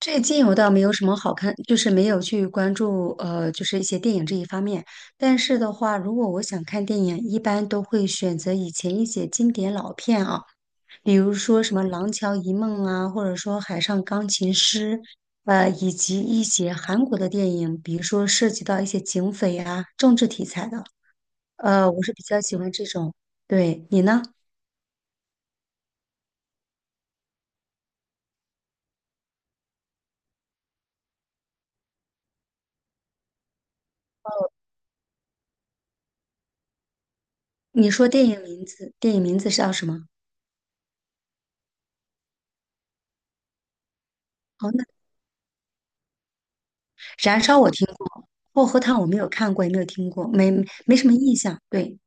最近我倒没有什么好看，就是没有去关注就是一些电影这一方面。但是的话，如果我想看电影，一般都会选择以前一些经典老片啊，比如说什么《廊桥遗梦》啊，或者说《海上钢琴师》，以及一些韩国的电影，比如说涉及到一些警匪啊、政治题材的，我是比较喜欢这种。对，你呢？你说电影名字，电影名字是叫什么？哦，那燃烧我听过，薄荷糖我没有看过，也没有听过，没什么印象。对，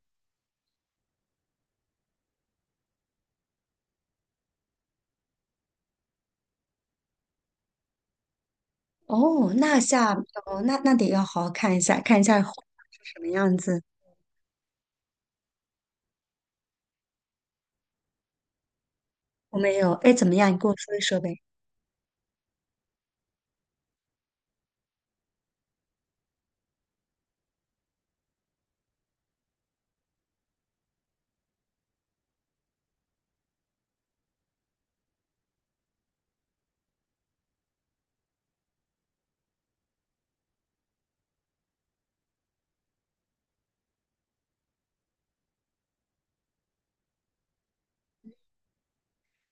哦，那下哦，那得要好好看一下，看一下后面是什么样子。我没有，哎，怎么样？你跟我说一说呗。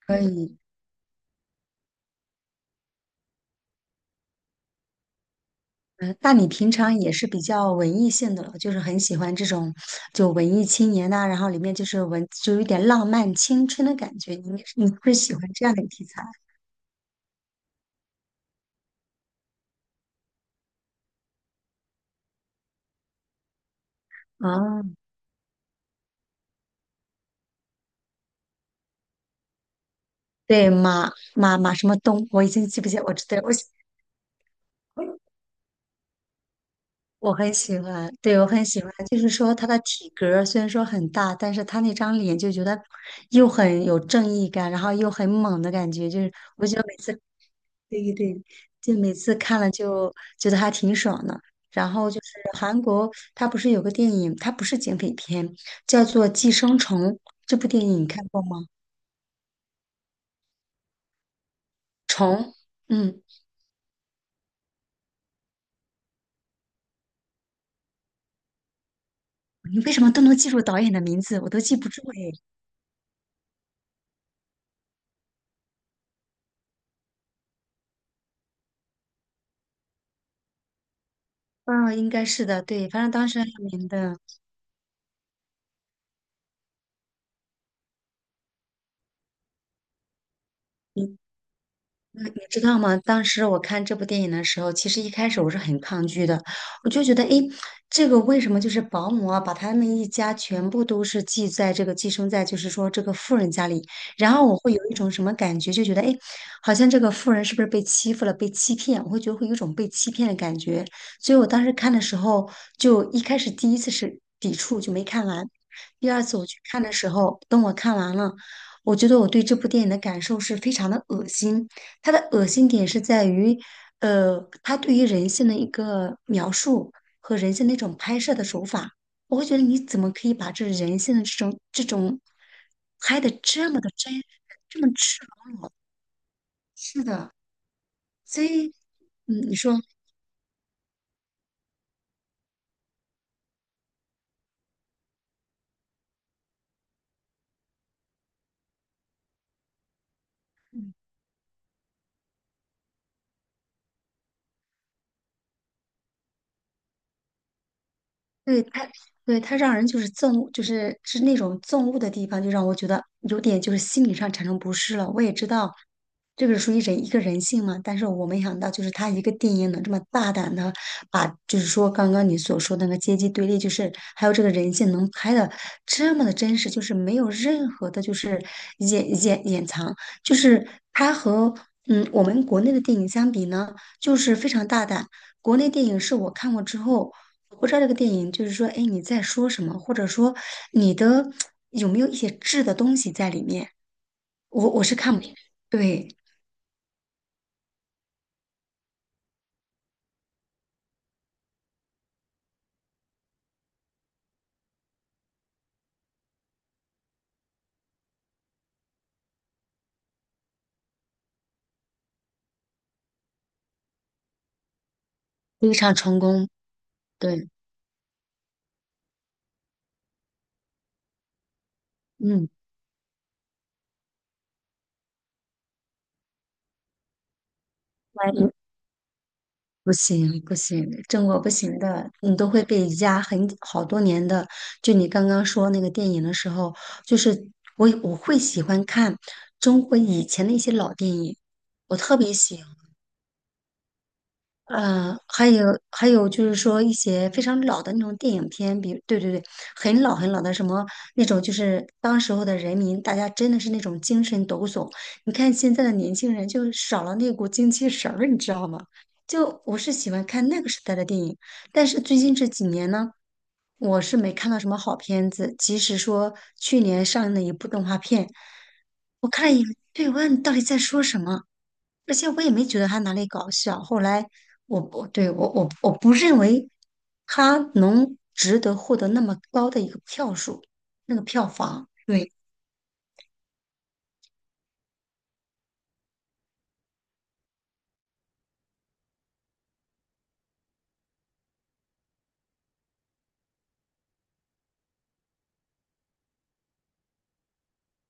可以，嗯，那你平常也是比较文艺性的了，就是很喜欢这种就文艺青年呐、然后里面就是文，就有点浪漫青春的感觉。你会喜欢这样的题材啊？对，马马马什么东，我已经记不起，我知道，我。我很喜欢，对，我很喜欢，就是说他的体格儿虽然说很大，但是他那张脸就觉得又很有正义感，然后又很猛的感觉，就是我觉得每次，对对对，就每次看了就觉得还挺爽的。然后就是韩国，它不是有个电影，它不是警匪片，叫做《寄生虫》，这部电影你看过吗？虫，嗯，你为什么都能记住导演的名字，我都记不住哎。嗯，应该是的，对，反正当时很有名的。你知道吗？当时我看这部电影的时候，其实一开始我是很抗拒的，我就觉得，诶，这个为什么就是保姆啊，把他们一家全部都是寄在这个寄生在，就是说这个富人家里，然后我会有一种什么感觉，就觉得，诶，好像这个富人是不是被欺负了，被欺骗？我会觉得会有一种被欺骗的感觉，所以我当时看的时候，就一开始第一次是抵触，就没看完。第二次我去看的时候，等我看完了，我觉得我对这部电影的感受是非常的恶心。他的恶心点是在于，他对于人性的一个描述和人性的一种拍摄的手法，我会觉得你怎么可以把这人性的这种拍的这么的真实这么赤裸，是的，所以，嗯，你说。对他，对他让人就是憎恶，就是是那种憎恶的地方，就让我觉得有点就是心理上产生不适了。我也知道这个属于人一个人性嘛，但是我没想到就是他一个电影能这么大胆的把，就是说刚刚你所说的那个阶级对立，就是还有这个人性能拍的这么的真实，就是没有任何的就是掩藏，就是他和嗯我们国内的电影相比呢，就是非常大胆。国内电影是我看过之后，我不知道这个电影就是说，哎，你在说什么，或者说你的有没有一些质的东西在里面，我是看不明白对，非常成功，对，嗯，万一不行，中国不行的，你都会被压很好多年的。就你刚刚说那个电影的时候，就是我会喜欢看中国以前的一些老电影，我特别喜欢。嗯，还有就是说一些非常老的那种电影片，比如对对对，很老很老的什么那种，就是当时候的人民，大家真的是那种精神抖擞。你看现在的年轻人就少了那股精气神儿，你知道吗？就我是喜欢看那个时代的电影，但是最近这几年呢，我是没看到什么好片子。即使说去年上映的一部动画片，我看了一眼，对，我问你到底在说什么？而且我也没觉得他哪里搞笑。后来我我对我我我不认为他能值得获得那么高的一个票数，那个票房。对，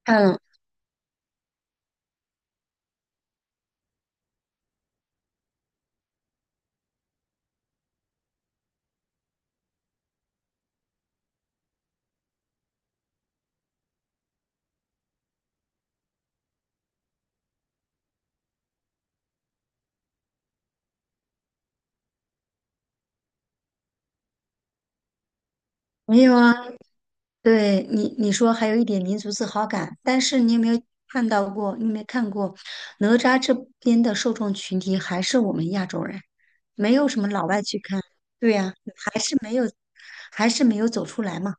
嗯，没有啊。对你说还有一点民族自豪感，但是你有没有看到过？你有没有看过哪吒这边的受众群体还是我们亚洲人，没有什么老外去看。对呀，还是没有，还是没有走出来嘛，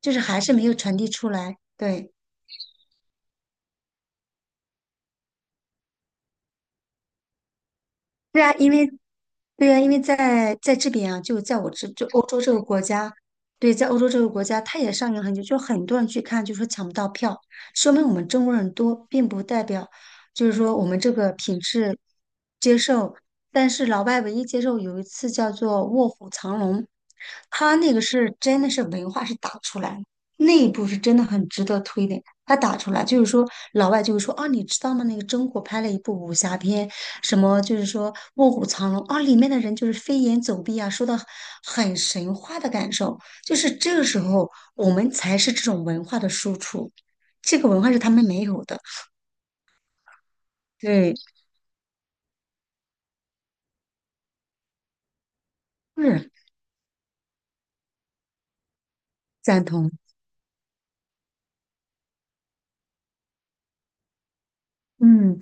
就是还是没有传递出来。对。对啊，因为对啊，因为在这边啊，就在我这就欧洲这个国家，对，在欧洲这个国家，它也上映很久，就很多人去看，就说抢不到票，说明我们中国人多，并不代表就是说我们这个品质接受。但是老外唯一接受有一次叫做《卧虎藏龙》，他那个是真的是文化是打出来的，那一部是真的很值得推的。他打出来就是说，老外就会说啊，你知道吗？那个中国拍了一部武侠片。什么就是说《卧虎藏龙》啊，里面的人就是飞檐走壁啊，说的很神话的感受，就是这个时候我们才是这种文化的输出，这个文化是他们没有的。对，是赞同。嗯。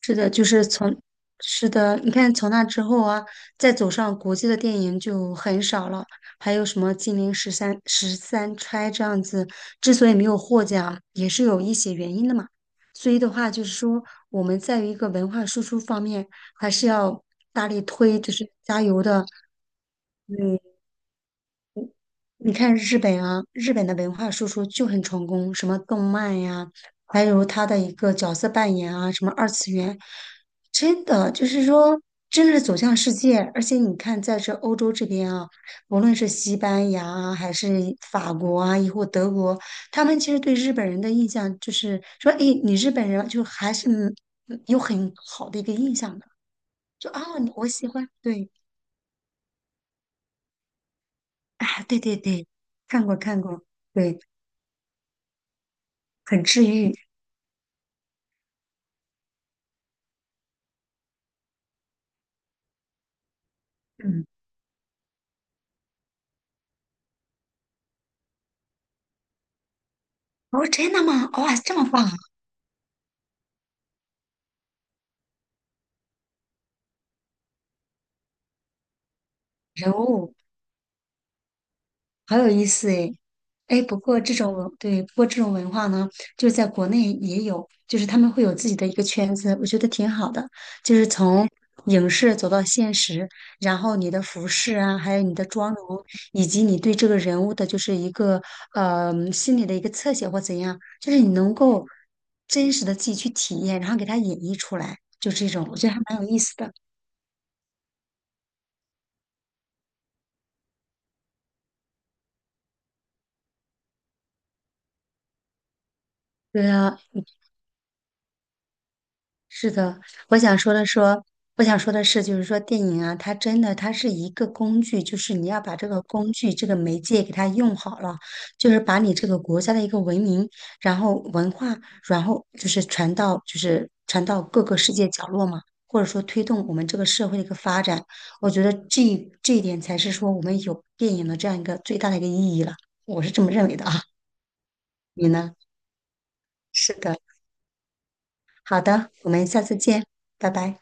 是的，就是从，是的，你看从那之后啊，再走上国际的电影就很少了，还有什么《金陵十三钗》这样子，之所以没有获奖，也是有一些原因的嘛。所以的话，就是说我们在于一个文化输出方面，还是要大力推，就是加油的。嗯，你看日本啊，日本的文化输出就很成功，什么动漫呀，还有他的一个角色扮演啊，什么二次元，真的就是说，真的是走向世界。而且你看，在这欧洲这边啊，无论是西班牙啊，还是法国啊，亦或德国，他们其实对日本人的印象就是说，哎，你日本人就还是嗯有很好的一个印象的，就啊，我喜欢，对，啊，对对对，看过看过，对，很治愈，嗯。哦，真的吗？哦哇、这么棒啊人物好有意思诶。哎，不过这种文，对，不过这种文化呢，就是在国内也有，就是他们会有自己的一个圈子，我觉得挺好的。就是从影视走到现实，然后你的服饰啊，还有你的妆容，以及你对这个人物的，就是一个心理的一个侧写或怎样，就是你能够真实的自己去体验，然后给它演绎出来，就这种，我觉得还蛮有意思的。对啊，是的，我想说的说，我想说的是，就是说电影啊，它真的它是一个工具，就是你要把这个工具这个媒介给它用好了，就是把你这个国家的一个文明，然后文化，然后就是传到各个世界角落嘛，或者说推动我们这个社会的一个发展，我觉得这一点才是说我们有电影的这样一个最大的一个意义了，我是这么认为的啊，你呢？是的，好的，我们下次见，拜拜。